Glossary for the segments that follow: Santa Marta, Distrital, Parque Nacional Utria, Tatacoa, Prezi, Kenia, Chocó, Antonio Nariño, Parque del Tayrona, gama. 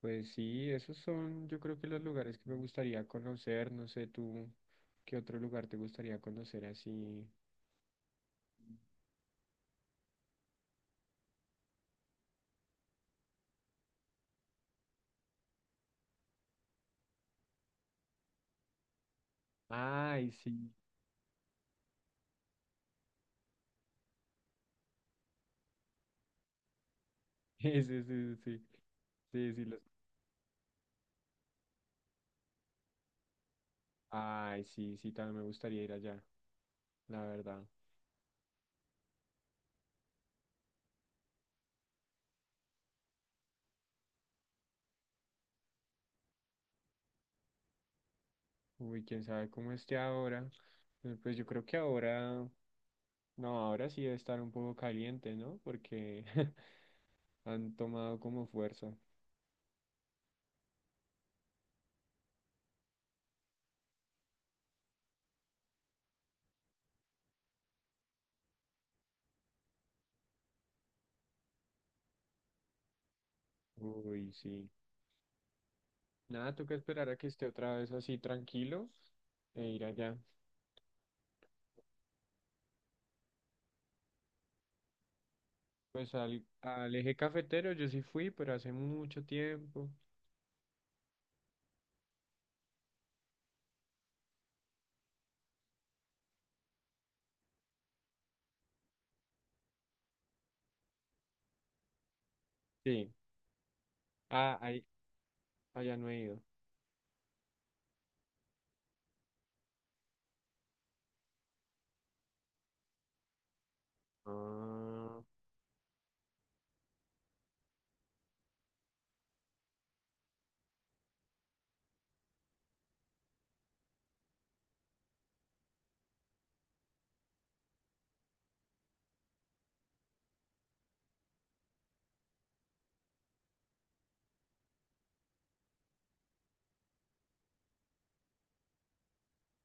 Pues sí, esos son, yo creo que los lugares que me gustaría conocer, no sé tú, ¿qué otro lugar te gustaría conocer así? Ay, sí, sí, sí, sí, sí, sí, sí, los... Ay, sí, sí, también me gustaría ir allá, la verdad. Uy, quién sabe cómo esté ahora. Pues yo creo que ahora, no, ahora sí debe estar un poco caliente, ¿no? Porque han tomado como fuerza. Uy, sí. Nada, toca esperar a que esté otra vez así tranquilo e ir allá. Pues al eje cafetero yo sí fui, pero hace mucho tiempo. Sí. Ah, ahí, allá no he ido. Ah,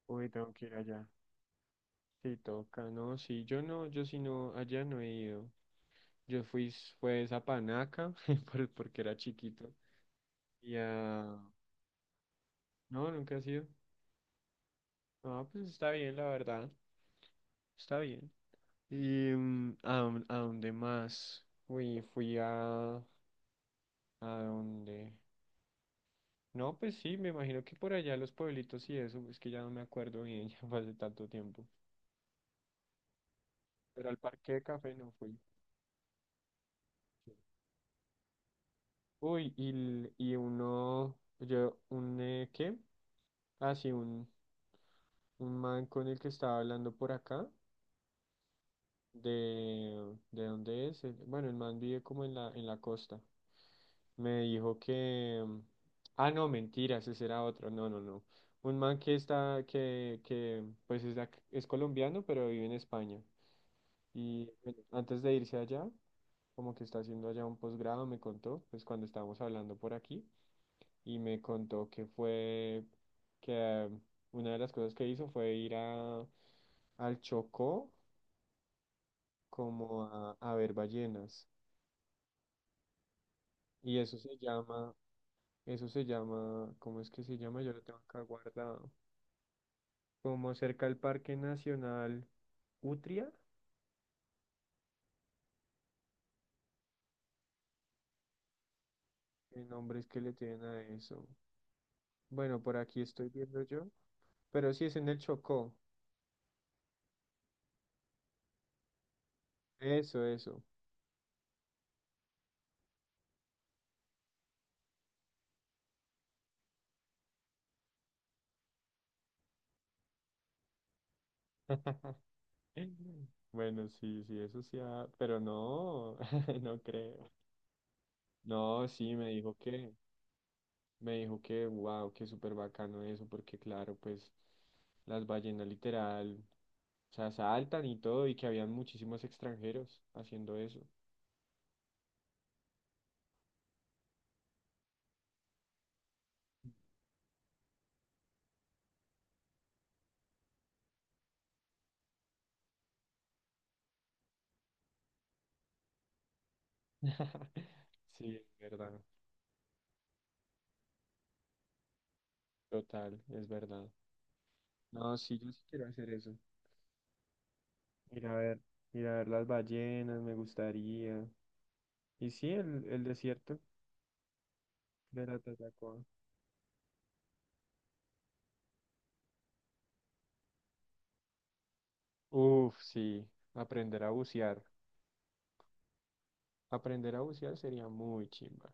uy, tengo que ir allá. Sí, toca, ¿no? Sí, yo no, yo sí no, allá no he ido. Yo fui, pues a Panaca, porque era chiquito. Y a... No, nunca he sido. No, pues está bien, la verdad. Está bien. ¿Y a, a dónde más? Uy, fui a... ¿A dónde? No, pues sí, me imagino que por allá los pueblitos y eso, es que ya no me acuerdo bien, ya fue hace tanto tiempo. Pero al parque de café no fui. Uy, y, l- y uno, yo, un, ¿qué? Ah, sí, un man con el que estaba hablando por acá, ¿de dónde es? El- Bueno, el man vive como en en la costa. Me dijo que, ah, no, mentira, ese será otro, no, no, no. Un man que está, pues es, es colombiano, pero vive en España. Y bueno, antes de irse allá, como que está haciendo allá un posgrado, me contó, pues cuando estábamos hablando por aquí, y me contó que fue, que una de las cosas que hizo fue ir al Chocó como a ver ballenas. Y eso se llama, ¿cómo es que se llama? Yo lo tengo acá guardado. Como cerca al Parque Nacional Utria, ¿qué nombres que le tienen a eso? Bueno, por aquí estoy viendo yo, pero sí es en el Chocó. Eso, eso. Bueno, sí, sí, eso sí, pero no, no creo. No, sí, me dijo que, wow, que súper bacano eso, porque claro, pues las ballenas literal, o sea, saltan y todo, y que habían muchísimos extranjeros haciendo eso. Sí, es verdad, total, es verdad. No, sí, yo sí quiero hacer eso. Ir a ver, Ir a ver las ballenas, me gustaría. Y sí, el desierto de la Tatacoa. Uf, sí, aprender a bucear. Aprender a bucear sería muy chimba.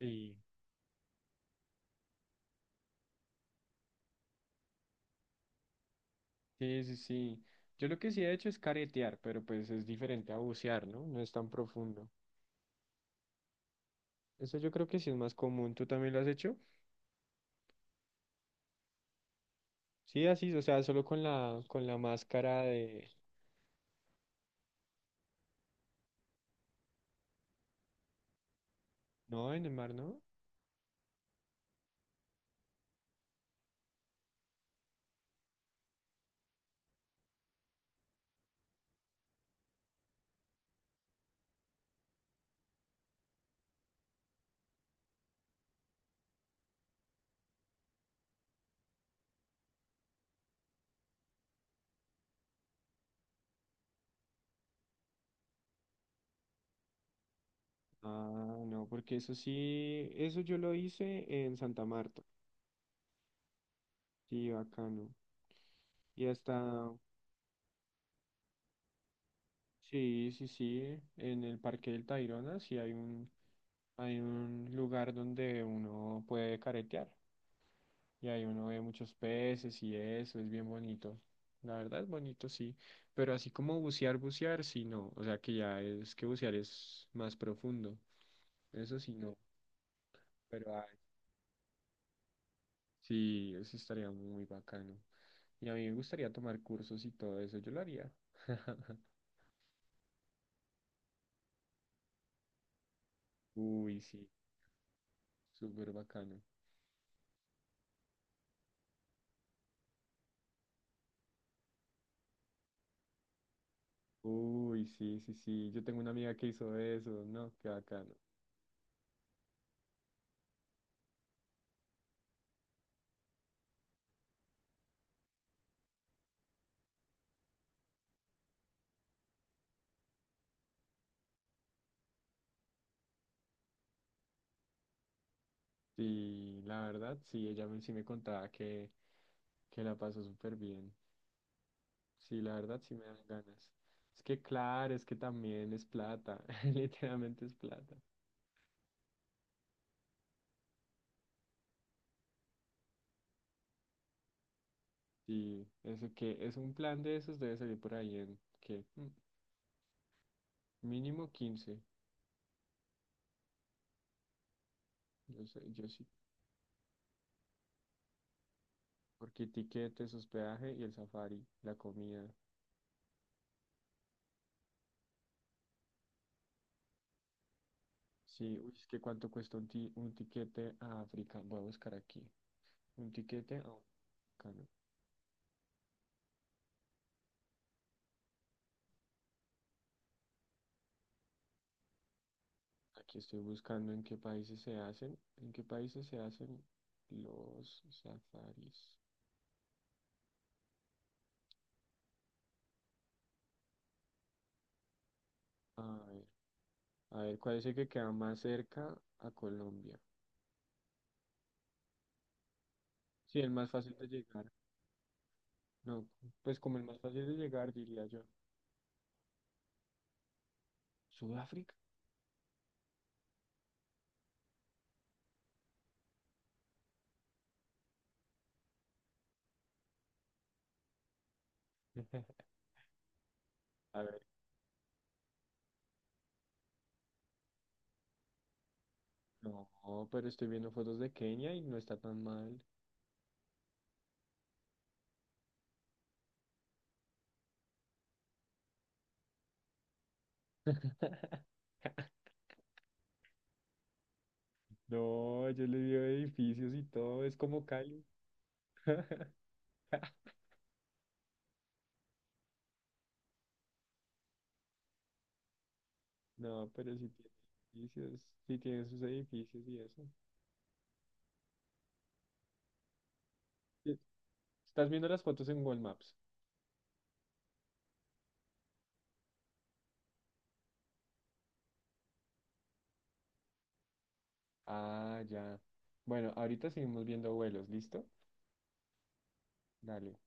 Sí, sí, sí, sí. Yo lo que sí he hecho es caretear, pero pues es diferente a bucear, ¿no? No es tan profundo. Eso yo creo que sí es más común. ¿Tú también lo has hecho? Sí, así, o sea, solo con con la máscara de... No, en el mar, ¿no? Ah, no, porque eso sí, eso yo lo hice en Santa Marta. Sí, bacano. Y hasta, sí, sí, sí, en el Parque del Tayrona sí hay un... Hay un lugar donde uno puede caretear y ahí uno ve muchos peces y eso, es bien bonito. La verdad es bonito, sí, pero así como bucear, bucear, sí, no. O sea que ya es que bucear es más profundo, eso sí, no. Pero ay, sí, eso estaría muy bacano. Y a mí me gustaría tomar cursos y todo eso, yo lo haría. Uy, sí, súper bacano. Uy, sí, sí, sí. Yo tengo una amiga que hizo eso, ¿no? Qué bacano. Sí, la verdad, sí, ella me, sí me contaba que la pasó súper bien. Sí, la verdad, sí me dan ganas. Es que claro, es que también es plata, literalmente es plata. Sí, eso que es un plan de esos debe salir por ahí en que mínimo 15, yo sé, yo sí, porque tiquetes, hospedaje y el safari, la comida. Sí, uy, es que cuánto cuesta un, un tiquete a África, voy a buscar aquí. Un tiquete a África. Aquí estoy buscando en qué países se hacen. ¿En qué países se hacen los safaris? A ver, a ver, ¿cuál es el que queda más cerca a Colombia? Sí, el más fácil de llegar. No, pues como el más fácil de llegar, diría yo. ¿Sudáfrica? A ver, no, pero estoy viendo fotos de Kenia y no está tan mal. No, yo le veo edificios y todo, es como Cali. No, pero sí tiene edificios, sí tiene sus edificios y eso. Sí, estás viendo las fotos en Google Maps. Ah, ya. Bueno, ahorita seguimos viendo vuelos, ¿listo? Dale.